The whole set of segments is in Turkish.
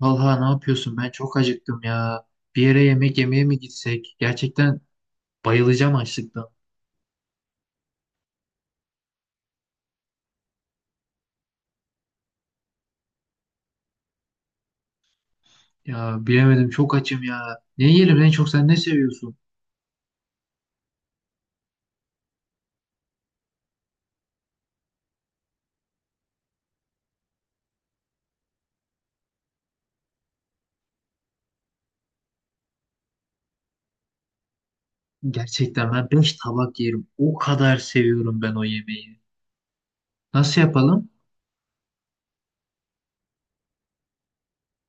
Vallahi ne yapıyorsun? Ben çok acıktım ya. Bir yere yemek yemeye mi gitsek? Gerçekten bayılacağım açlıktan. Ya bilemedim çok açım ya. Ne yiyelim? En çok sen ne seviyorsun? Gerçekten ben 5 tabak yerim. O kadar seviyorum ben o yemeği. Nasıl yapalım?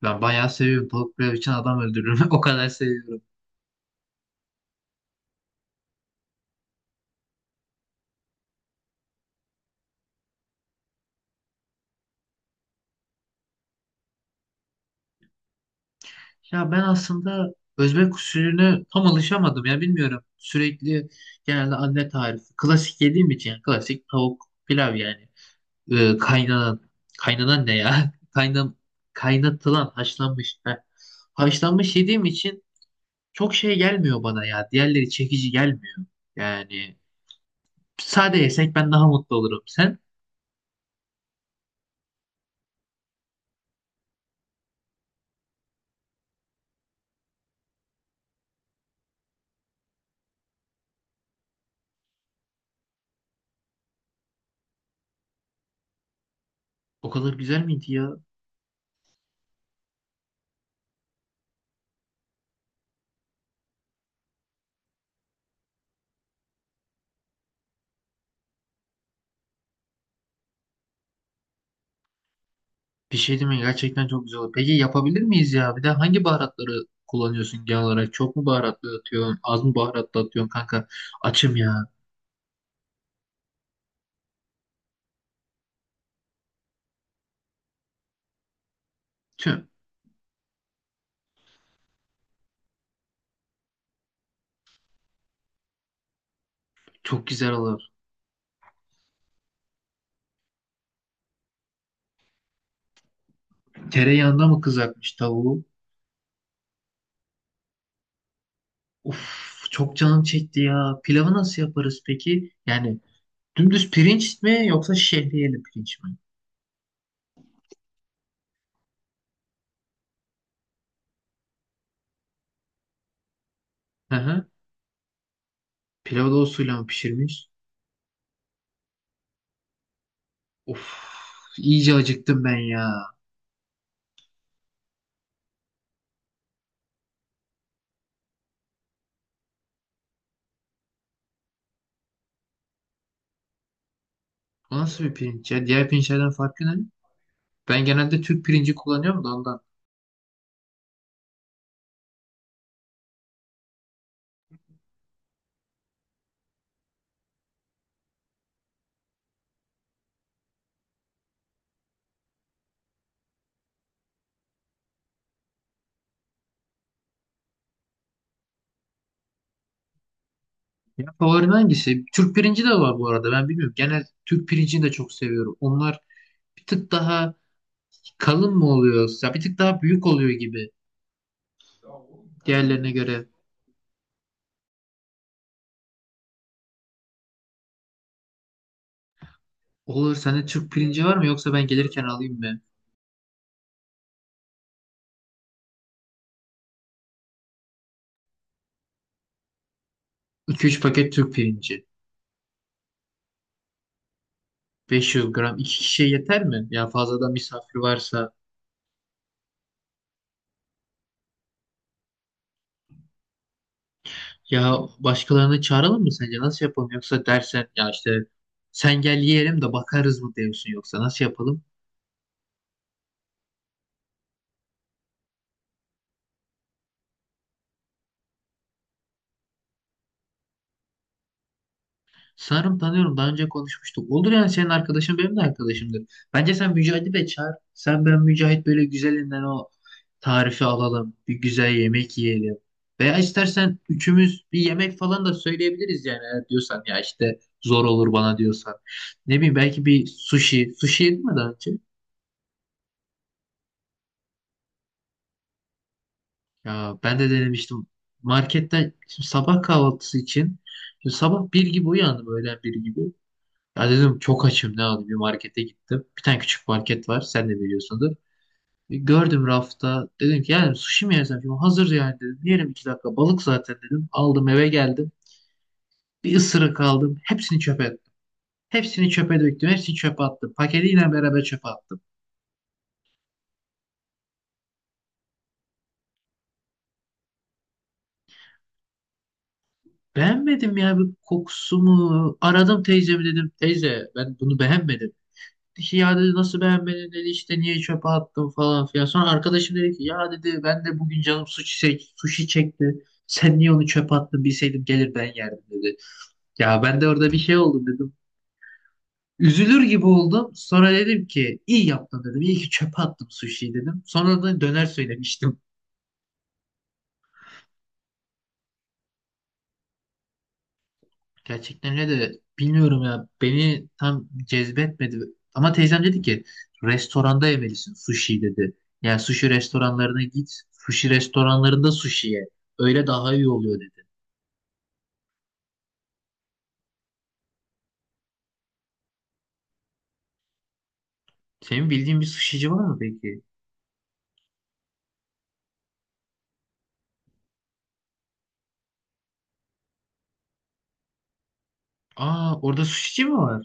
Ben bayağı seviyorum. Tavuk pilav için adam öldürürüm. O kadar seviyorum. Ya ben aslında Özbek usulüne tam alışamadım ya bilmiyorum. Sürekli genelde anne tarifi. Klasik yediğim için yani klasik tavuk pilav yani. e, kaynanan kaynanan ne ya? Kaynam kaynatılan haşlanmış. Heh. Haşlanmış yediğim için çok şey gelmiyor bana ya. Diğerleri çekici gelmiyor. Yani sade yesek ben daha mutlu olurum. Sen o kadar güzel miydi ya? Bir şey değil mi? Gerçekten çok güzel olur. Peki yapabilir miyiz ya? Bir de hangi baharatları kullanıyorsun genel olarak? Çok mu baharatlı atıyorsun? Az mı baharatlı atıyorsun kanka? Açım ya. Tüm. Çok güzel olur. Tereyağında mı kızartmış tavuğu? Uf, çok canım çekti ya. Pilavı nasıl yaparız peki? Yani dümdüz pirinç mi yoksa şehriyeli pirinç mi? Hı hı. Pilavı da o suyla mı pişirmiş? Of, iyice acıktım ben ya. Bu nasıl bir pirinç ya? Diğer pirinçlerden farkı ne? Ben genelde Türk pirinci kullanıyorum da ondan. Ya favorim hangisi? Türk pirinci de var bu arada. Ben bilmiyorum. Genel Türk pirincini de çok seviyorum. Onlar bir tık daha kalın mı oluyor? Ya bir tık daha büyük oluyor gibi diğerlerine göre. Olur, sende Türk pirinci var mı yoksa ben gelirken alayım mı? 2-3 paket Türk pirinci. 500 gram. İki kişiye yeter mi? Ya fazladan misafir varsa. Ya başkalarını çağıralım mı sence? Nasıl yapalım? Yoksa dersen ya işte sen gel yiyelim de bakarız mı diyorsun yoksa nasıl yapalım? Sanırım tanıyorum. Daha önce konuşmuştuk. Olur yani senin arkadaşın benim de arkadaşımdır. Bence sen Mücahit'i de çağır. Sen, ben, Mücahit böyle güzelinden o tarifi alalım, bir güzel yemek yiyelim. Veya istersen üçümüz bir yemek falan da söyleyebiliriz yani eğer diyorsan ya işte zor olur bana diyorsan. Ne bileyim belki bir sushi. Sushi yedin mi daha önce? Ya ben de denemiştim. Marketten şimdi sabah kahvaltısı için şimdi sabah bir gibi uyandım öğlen bir gibi. Ya dedim çok açım ne alayım bir markete gittim. Bir tane küçük market var sen de biliyorsundur. Gördüm rafta. Dedim ki yani sushi mi yesem? Şimdi hazır yani dedim. Yerim 2 dakika. Balık zaten dedim. Aldım eve geldim. Bir ısırık aldım. Hepsini çöpe ettim. Hepsini çöpe döktüm. Hepsini çöpe attım. Paketiyle beraber çöpe attım. Beğenmedim ya, bir kokusu mu? Aradım teyzemi dedim. Teyze ben bunu beğenmedim. Dedi ki ya dedi nasıl beğenmedin dedi işte niye çöpe attın falan filan. Sonra arkadaşım dedi ki ya dedi ben de bugün canım sushi, sushi çekti. Sen niye onu çöpe attın bilseydim gelir ben yerdim dedi. Ya ben de orada bir şey oldum dedim. Üzülür gibi oldum. Sonra dedim ki iyi yaptın dedim. İyi ki çöpe attım sushi'yi dedim. Sonra da döner söylemiştim. Gerçekten öyle de bilmiyorum ya beni tam cezbetmedi. Ama teyzem dedi ki restoranda yemelisin sushi dedi. Yani sushi restoranlarına git. Sushi restoranlarında sushi ye. Öyle daha iyi oluyor dedi. Senin bildiğin bir sushici var mı peki? Aa, orada sushici mi var?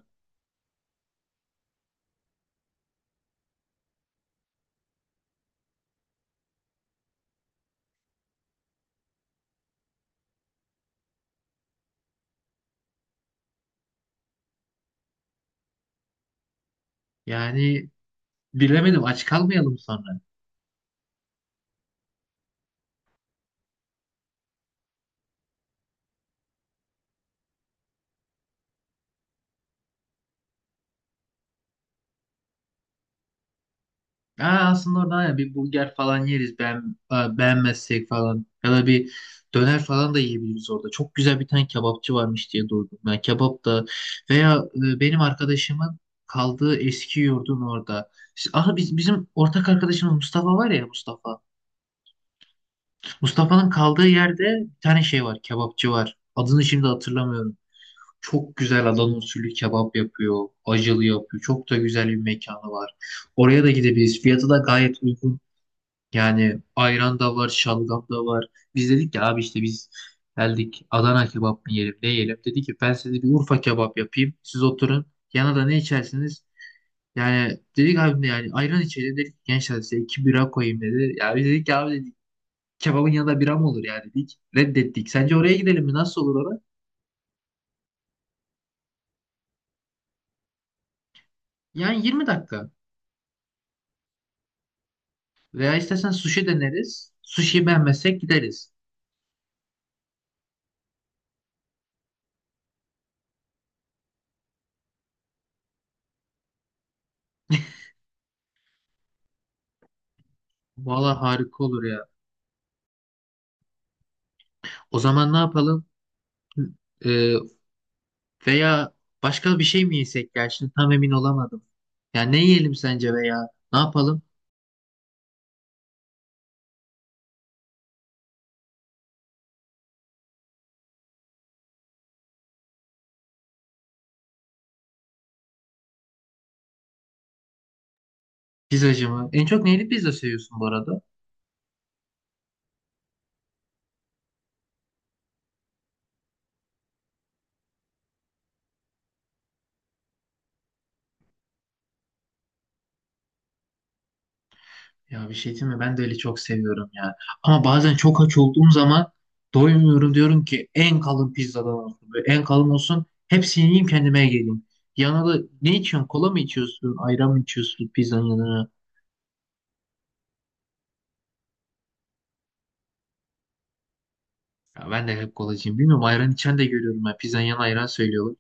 Yani bilemedim, aç kalmayalım sonra. Aa, aslında oradan ya bir burger falan yeriz ben beğenmezsek falan ya da bir döner falan da yiyebiliriz orada. Çok güzel bir tane kebapçı varmış diye duydum. Yani kebap da veya benim arkadaşımın kaldığı eski yurdun orada. Aha biz bizim ortak arkadaşımız Mustafa var ya, Mustafa. Mustafa'nın kaldığı yerde bir tane şey var, kebapçı var. Adını şimdi hatırlamıyorum. Çok güzel Adana usulü kebap yapıyor, acılı yapıyor. Çok da güzel bir mekanı var. Oraya da gidebiliriz. Fiyatı da gayet uygun yani, ayran da var, şalgam da var. Biz dedik ki abi işte biz geldik Adana kebap mı yiyelim, ne yiyelim? Dedi ki ben size bir Urfa kebap yapayım. Siz oturun. Yana da ne içersiniz? Yani dedik abi ne yani ayran içelim dedik. Gençler size iki bira koyayım dedi. Ya biz dedik ki abi dedik kebabın yanında bira mı olur ya dedik. Reddettik. Sence oraya gidelim mi? Nasıl olur orada? Yani 20 dakika. Veya istersen sushi deneriz. Sushi beğenmezsek gideriz. Valla harika olur ya. O zaman ne yapalım? Ee, veya başka bir şey mi yesek ya? Şimdi tam emin olamadım. Ya ne yiyelim sence veya ne yapalım? Pizzacı mı? En çok neyli pizza seviyorsun bu arada? Ya bir şey değil mi? Ben de öyle çok seviyorum ya. Ama bazen çok aç olduğum zaman doymuyorum, diyorum ki en kalın pizzadan olsun. Böyle en kalın olsun. Hepsini yiyeyim kendime geleyim. Yanına da ne içiyorsun? Kola mı içiyorsun? Ayran mı içiyorsun pizzanın yanına? Ya ben de hep kolacıyım. Bilmiyorum, ayran içen de görüyorum. Ben pizzanın yanına ayran söylüyorlar.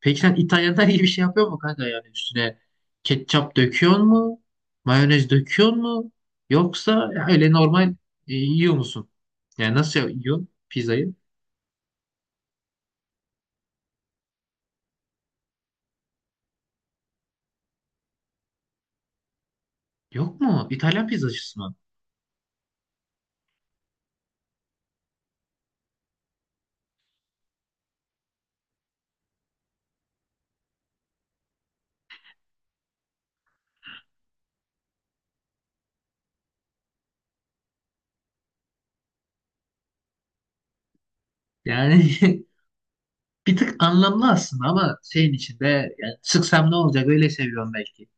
Peki sen İtalyanlar iyi bir şey yapıyor mu kanka, yani üstüne ketçap döküyor mu? Mayonez döküyor mu? Yoksa öyle normal yiyor musun? Yani nasıl yiyorsun pizzayı? Yok mu? İtalyan pizzacısı mı? Yani bir tık anlamlı aslında, ama şeyin içinde yani sıksam ne olacak, öyle seviyorum belki.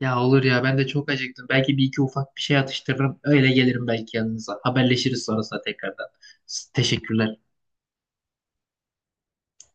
Ya olur ya, ben de çok acıktım. Belki bir iki ufak bir şey atıştırırım. Öyle gelirim belki yanınıza. Haberleşiriz sonrasında tekrardan. Teşekkürler.